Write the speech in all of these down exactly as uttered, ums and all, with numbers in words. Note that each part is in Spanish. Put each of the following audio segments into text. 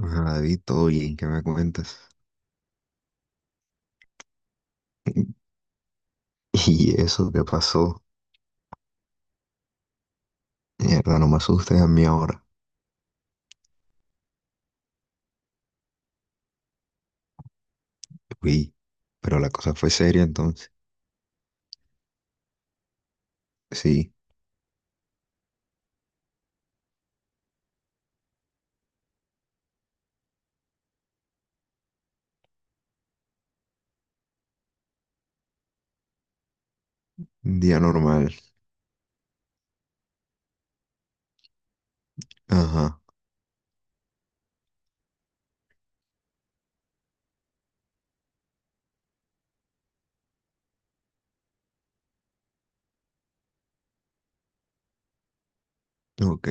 Hola, David, todo bien, ¿qué me cuentas? ¿Y eso qué pasó? Mierda, no me asustes a mí ahora. Uy, pero la cosa fue seria entonces. Sí, un día normal. Ajá, ok.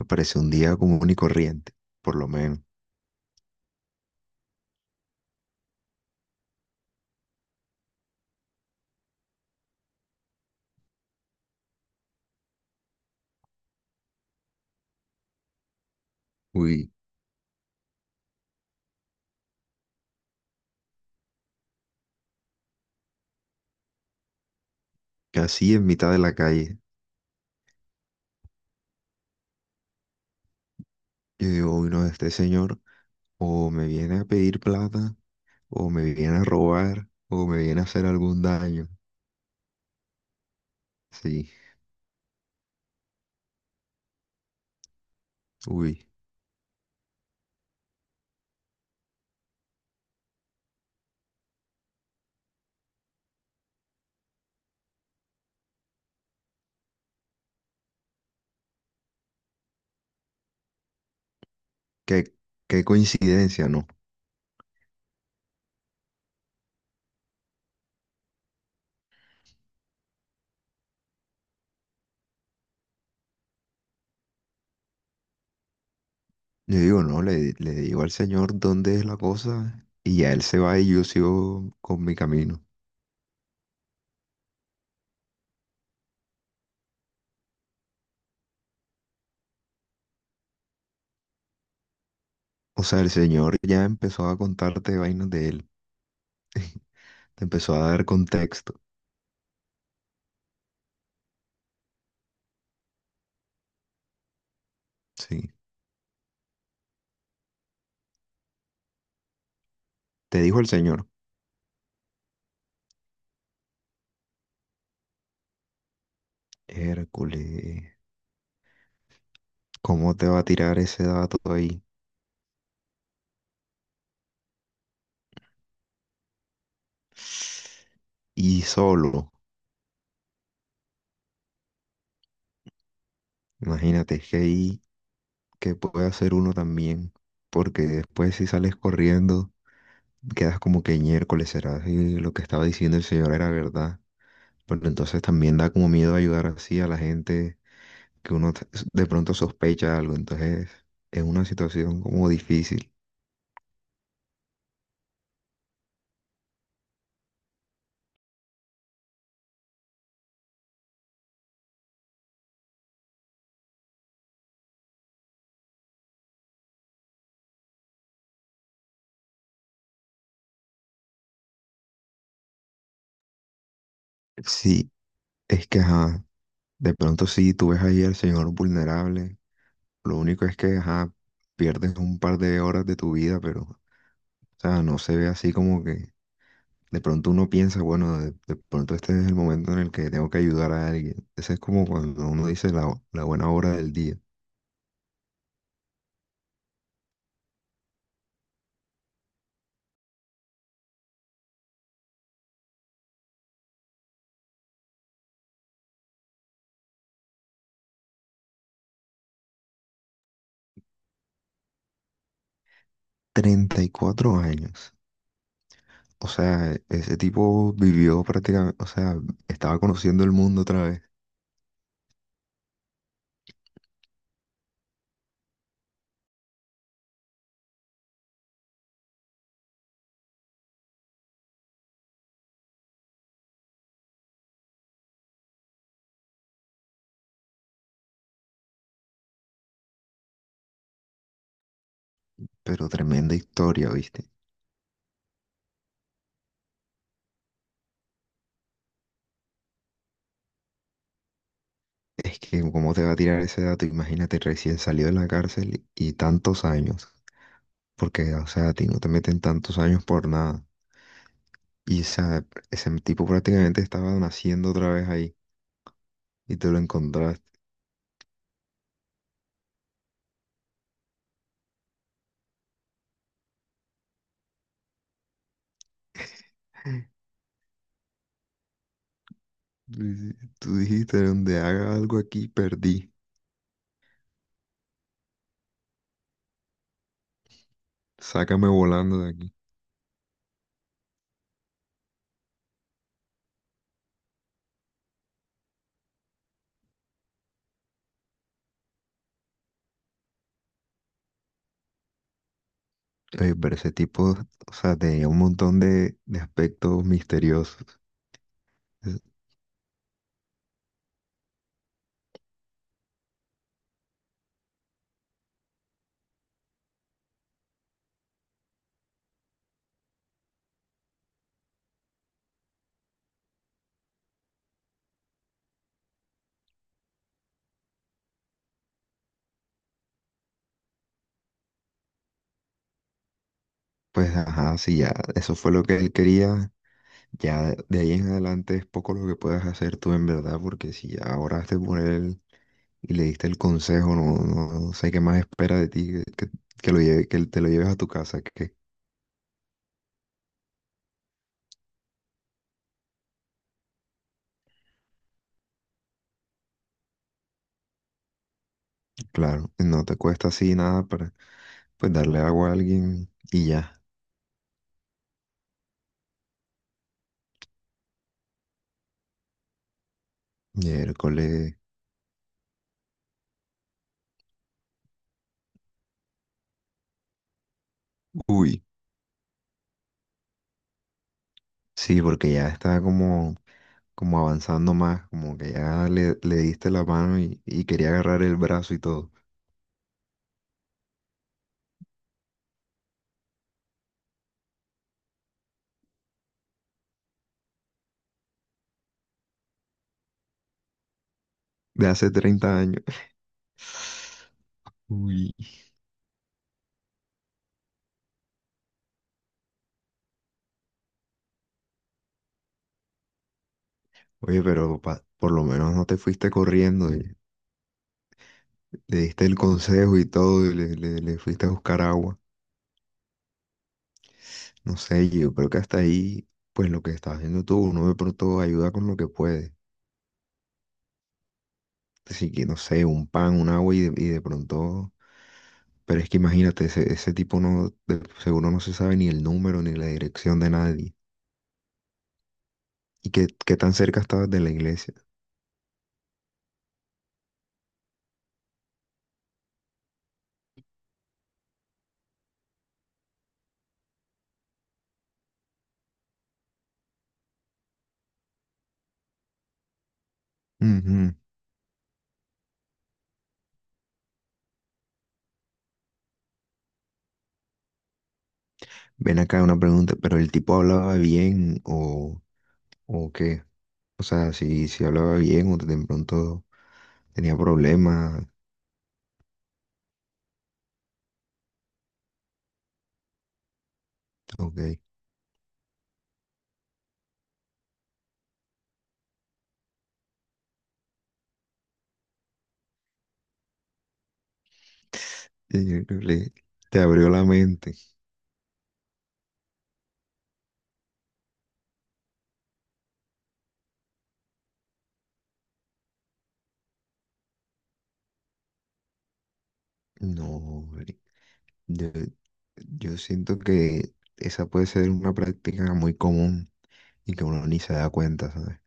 Me parece un día común y corriente, por lo menos. Uy, casi en mitad de la calle. Yo digo, uy, no, este señor o me viene a pedir plata, o me viene a robar, o me viene a hacer algún daño. Sí, uy, qué, qué coincidencia, ¿no? Yo digo, no, le, le digo al Señor dónde es la cosa y ya Él se va y yo sigo con mi camino. O sea, el Señor ya empezó a contarte vainas de Él. Te empezó a dar contexto, sí. Te dijo el Señor, Hércules, ¿cómo te va a tirar ese dato ahí? Y solo, imagínate, es que ahí, que puede hacer uno también? Porque después si sales corriendo, quedas como que miércoles será si lo que estaba diciendo el Señor era verdad. Pero entonces también da como miedo ayudar así a la gente que uno t- de pronto sospecha algo. Entonces es una situación como difícil. Sí, es que, ajá, de pronto sí, tú ves ahí al señor vulnerable. Lo único es que, ajá, pierdes un par de horas de tu vida, pero, o sea, no se ve así como que de pronto uno piensa, bueno, de, de pronto este es el momento en el que tengo que ayudar a alguien. Ese es como cuando uno dice la, la buena hora del día. Treinta y cuatro años. O sea, ese tipo vivió prácticamente, o sea, estaba conociendo el mundo otra vez, pero tremenda historia, ¿viste? Es que, ¿cómo te va a tirar ese dato? Imagínate, recién salió de la cárcel y tantos años, porque, o sea, a ti no te meten tantos años por nada. Y esa, Ese tipo prácticamente estaba naciendo otra vez ahí y te lo encontraste. Tú dijiste, donde haga algo aquí, perdí. Sácame volando de aquí. Eh, ver ese tipo, o sea, tenía un montón de, de aspectos misteriosos. Es- Pues, ajá, si ya eso fue lo que él quería, ya de ahí en adelante es poco lo que puedas hacer tú en verdad, porque si ya oraste por él y le diste el consejo, no, no, no sé qué más espera de ti, que, que lo lleve, que te lo lleves a tu casa, que claro, no te cuesta así nada para, pues, darle agua a alguien y ya, miércoles, uy. Sí, porque ya está como como avanzando más, como que ya le, le diste la mano y, y quería agarrar el brazo y todo, de hace treinta años. Uy. Oye, pero pa- por lo menos no te fuiste corriendo, y le diste el consejo y todo, y le, le- le fuiste a buscar agua. No sé, yo creo que hasta ahí, pues lo que estás haciendo tú, uno de pronto ayuda con lo que puede. Así que, no sé, un pan, un agua y de, y de pronto... Pero es que imagínate, ese, ese tipo no, de- seguro no se sabe ni el número ni la dirección de nadie. ¿Y qué, qué tan cerca estabas de la iglesia? Ujú. Ven acá una pregunta, pero el tipo hablaba bien o, ¿o qué? O sea, si, si hablaba bien o de pronto tenía problemas, ok. Y le- te abrió la mente. No, marica, yo, yo siento que esa puede ser una práctica muy común y que uno ni se da cuenta, ¿sabes?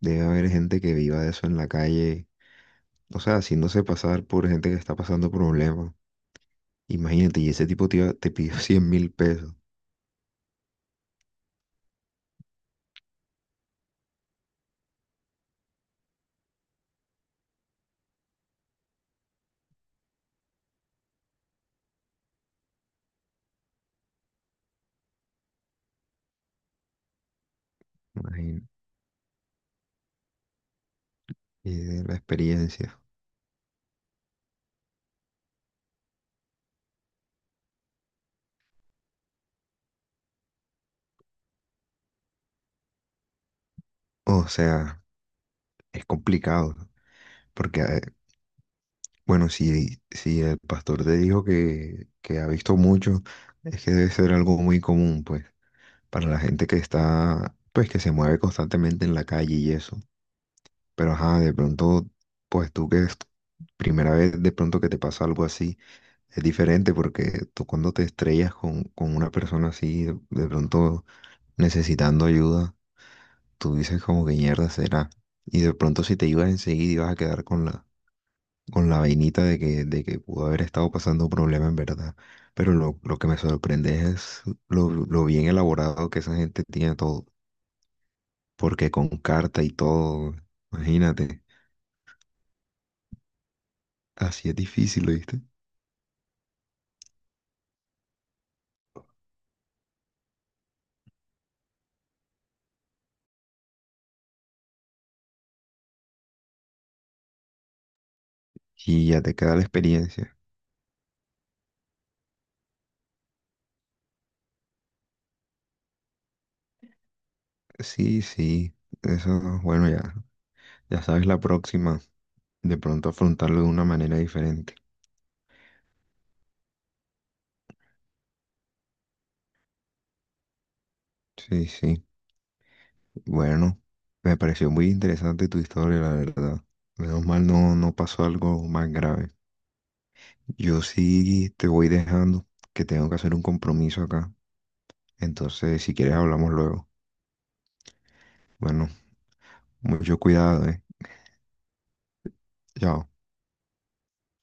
Debe haber gente que viva de eso en la calle, o sea, haciéndose pasar por gente que está pasando problemas. Imagínate, y ese tipo te, iba- te pidió cien mil pesos. Imagínate, y de la experiencia. O sea, es complicado, ¿no? Porque, eh, bueno, si, si el pastor te dijo que, que ha visto mucho, es que debe ser algo muy común, pues, para la gente que está, pues, que se mueve constantemente en la calle y eso. Pero, ajá, de pronto, pues tú que es tu primera vez de pronto que te pasa algo así, es diferente porque tú cuando te estrellas con, con una persona así, de de pronto necesitando ayuda, tú dices como que mierda será. Y de pronto si te ibas enseguida ibas a quedar con la, con la vainita de que, de que pudo haber estado pasando un problema en verdad. Pero lo, lo que me sorprende es lo, lo bien elaborado que esa gente tiene todo. Porque con carta y todo, imagínate, así es difícil, ¿viste? Y ya te queda la experiencia. Sí, sí, eso, bueno, ya, ya sabes la próxima, de pronto afrontarlo de una manera diferente. Sí, sí. Bueno, me pareció muy interesante tu historia, la verdad. Menos mal no, no pasó algo más grave. Yo sí te voy dejando que tengo que hacer un compromiso acá. Entonces, si quieres, hablamos luego. Bueno, mucho cuidado, ¿eh? Chao.